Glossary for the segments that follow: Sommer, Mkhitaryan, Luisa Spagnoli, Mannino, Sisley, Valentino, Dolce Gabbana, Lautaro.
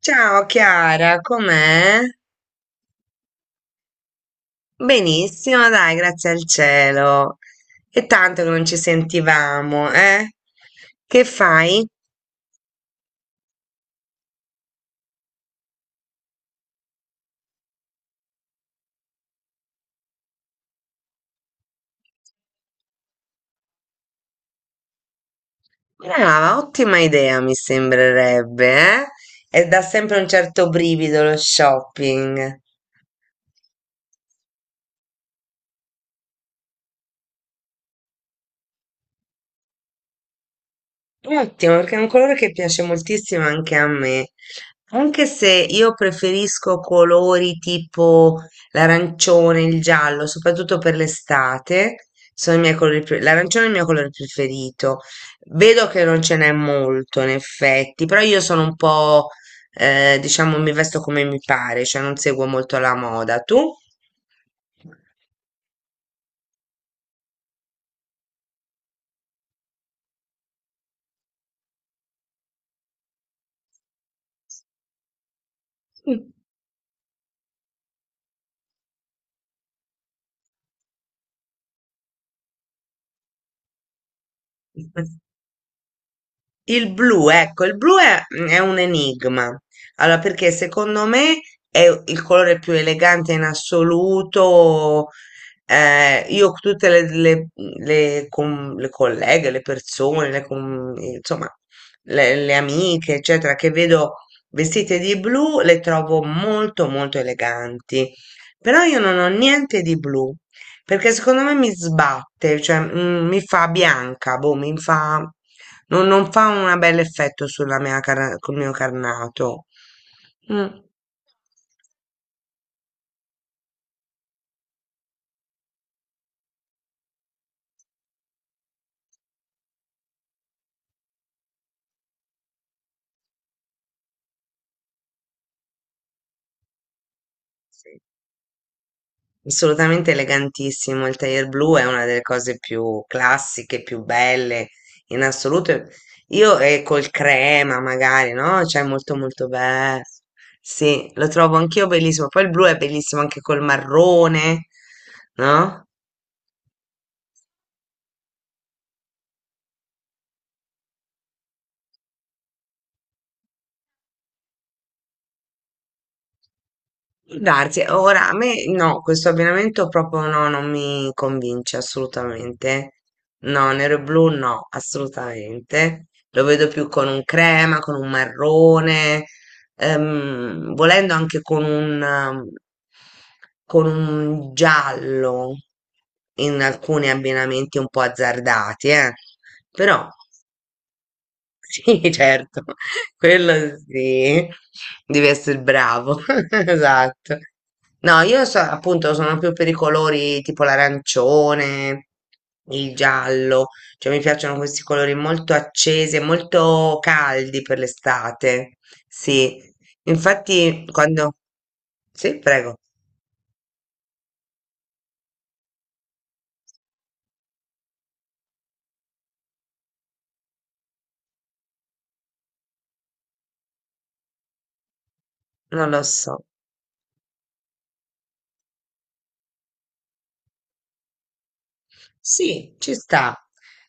Ciao Chiara, com'è? Benissimo, dai, grazie al cielo. È tanto che non ci sentivamo, eh? Che fai? Brava, ottima idea, mi sembrerebbe, eh? E dà sempre un certo brivido lo shopping. Ottimo, perché è un colore che piace moltissimo anche a me, anche se io preferisco colori tipo l'arancione, il giallo, soprattutto per l'estate, sono i miei L'arancione è il mio colore preferito. Vedo che non ce n'è molto, in effetti, però io sono un po', diciamo, mi vesto come mi pare, cioè non seguo molto la moda. Tu? Il blu, ecco, il blu è, è un enigma. Allora, perché secondo me è il colore più elegante in assoluto. Io tutte le colleghe, le persone, le com- insomma, le amiche, eccetera, che vedo vestite di blu, le trovo molto eleganti. Però io non ho niente di blu. Perché secondo me mi sbatte, cioè mi fa bianca, boh, mi fa... non fa un bel effetto sulla col mio carnato. Mm. Sì. Assolutamente elegantissimo, il tailleur blu è una delle cose più classiche, più belle in assoluto. Io e col crema magari, no? Cioè molto molto bello. Sì, lo trovo anch'io bellissimo. Poi il blu è bellissimo anche col marrone, no? Può darsi, ora a me no, questo abbinamento proprio no, non mi convince assolutamente. No, nero e blu no, assolutamente. Lo vedo più con un crema, con un marrone, volendo anche con con un giallo in alcuni abbinamenti un po' azzardati, eh. Però sì, certo, quello sì, devi essere bravo, esatto. No, appunto sono più per i colori tipo l'arancione, il giallo, cioè mi piacciono questi colori molto accesi e molto caldi per l'estate. Sì, infatti quando... Sì, prego, non lo so. Sì, ci sta.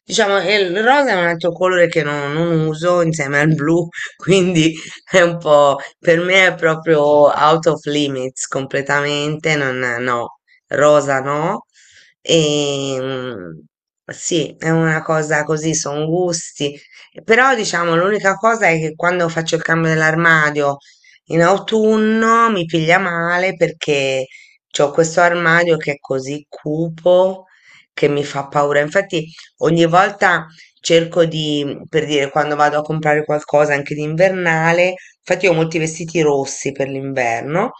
Diciamo, e il rosa è un altro colore che non uso insieme al blu, quindi è un po', per me è proprio out of limits completamente, non, no, rosa no. E, sì, è una cosa così, sono gusti. Però diciamo, l'unica cosa è che quando faccio il cambio dell'armadio in autunno mi piglia male perché... C'ho questo armadio che è così cupo che mi fa paura. Infatti ogni volta cerco di, per dire, quando vado a comprare qualcosa anche d'invernale, infatti ho molti vestiti rossi per l'inverno,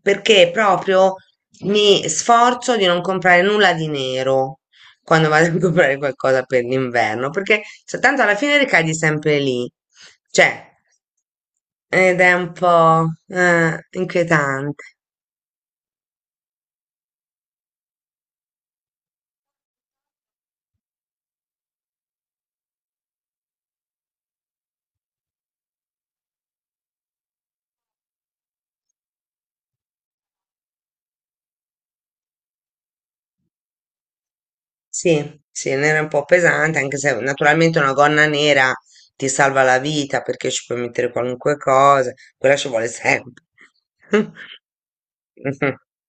perché proprio mi sforzo di non comprare nulla di nero quando vado a comprare qualcosa per l'inverno, perché cioè, tanto alla fine ricadi sempre lì. Cioè, ed è un po' inquietante. Sì, sì, nera è un po' pesante, anche se naturalmente una gonna nera ti salva la vita perché ci puoi mettere qualunque cosa, quella ci vuole sempre.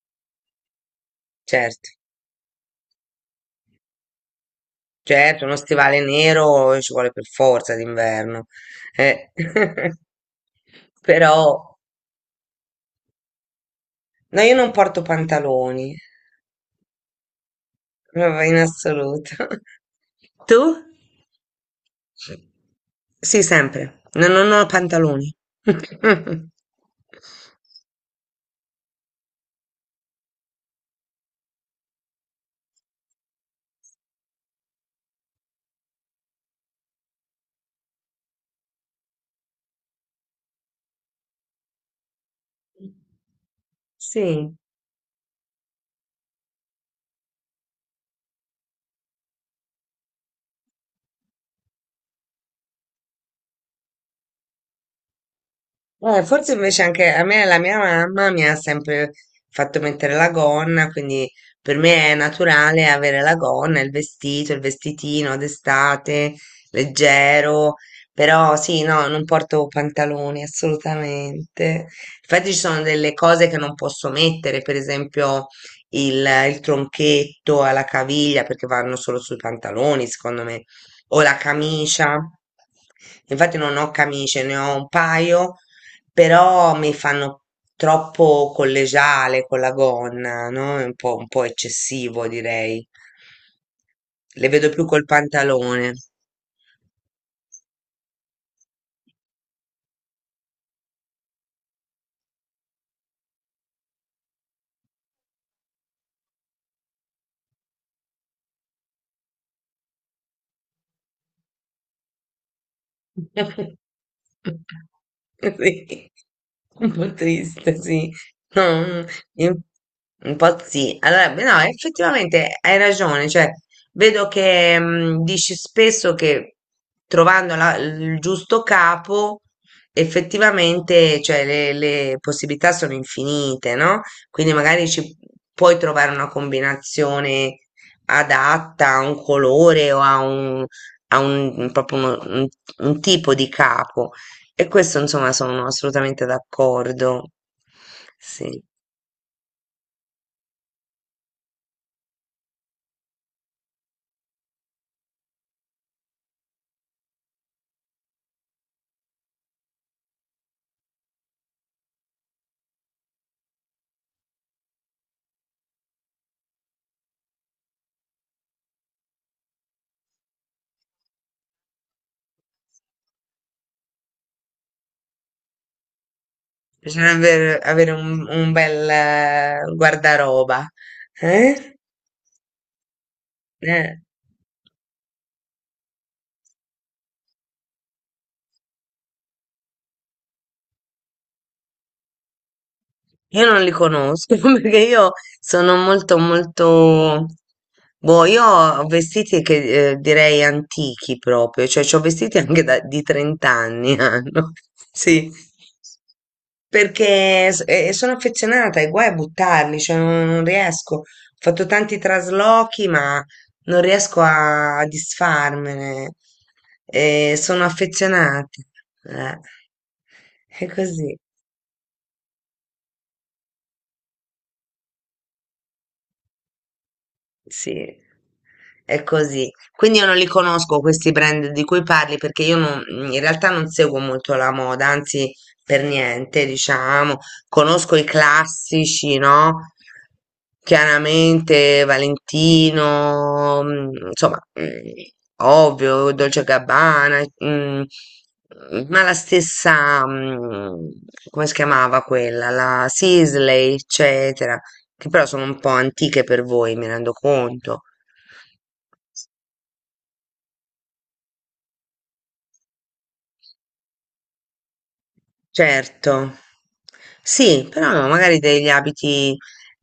Certo, certo, uno stivale nero ci vuole per forza d'inverno. Eh. Però, no, io non porto pantaloni, proprio in assoluto. Tu? Sì, sempre. Non ho pantaloni. Sì. Forse invece anche a me la mia mamma mi ha sempre fatto mettere la gonna, quindi per me è naturale avere la gonna, il vestito, il vestitino d'estate, leggero, però sì, no, non porto pantaloni assolutamente. Infatti ci sono delle cose che non posso mettere, per esempio il tronchetto alla caviglia perché vanno solo sui pantaloni, secondo me, o la camicia. Infatti non ho camicie, ne ho un paio però mi fanno troppo collegiale con la gonna, no? È un po' eccessivo, direi. Le vedo più col pantalone. Sì, un po' triste, sì. No, in- un po' sì. Allora, beh, no, effettivamente hai ragione, cioè, vedo che dici spesso che il giusto capo, effettivamente, cioè, le possibilità sono infinite, no? Quindi magari ci puoi trovare una combinazione adatta a un colore o a un ha un proprio uno un tipo di capo e questo insomma sono assolutamente d'accordo. Sì, bisognerebbe avere un bel guardaroba. Eh? Eh, Io non li conosco perché io sono molto molto boh, io ho vestiti che direi antichi proprio, cioè ho vestiti anche di 30 anni hanno. Sì. Perché sono affezionata e guai a buttarli, cioè non, non riesco. Ho fatto tanti traslochi, ma non riesco a disfarmene. Sono affezionata. Eh, è così. Sì, è così. Quindi io non li conosco questi brand di cui parli perché io non- in realtà non seguo molto la moda, anzi per niente, diciamo. Conosco i classici, no? Chiaramente Valentino, insomma, ovvio, Dolce Gabbana, ma la stessa, come si chiamava quella? La Sisley, eccetera che però sono un po' antiche per voi, mi rendo conto. Certo, sì, però no, magari degli abiti.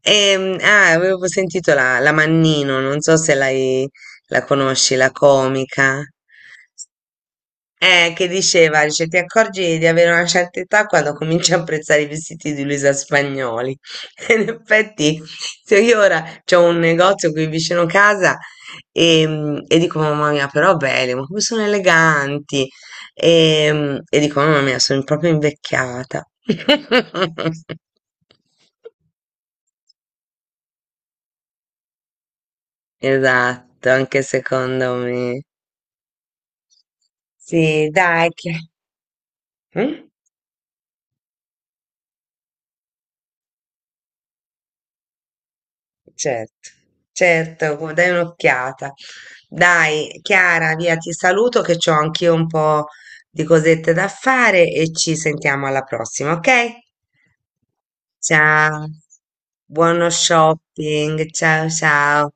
Ah, avevo sentito la Mannino, non so se l'hai, la conosci, la comica. Che diceva, dice, ti accorgi di avere una certa età quando cominci a apprezzare i vestiti di Luisa Spagnoli. E in effetti, se io ora c'ho un negozio qui vicino casa e dico, mamma mia, però belli, ma come sono eleganti. E dico, mamma mia, sono proprio invecchiata. Esatto, anche secondo me. Sì, dai, che... Mm? Certo, certo, dai un'occhiata. Dai, Chiara, via, ti saluto che ho anch'io un po' di cosette da fare e ci sentiamo alla prossima, ok? Ciao, buono shopping, ciao ciao.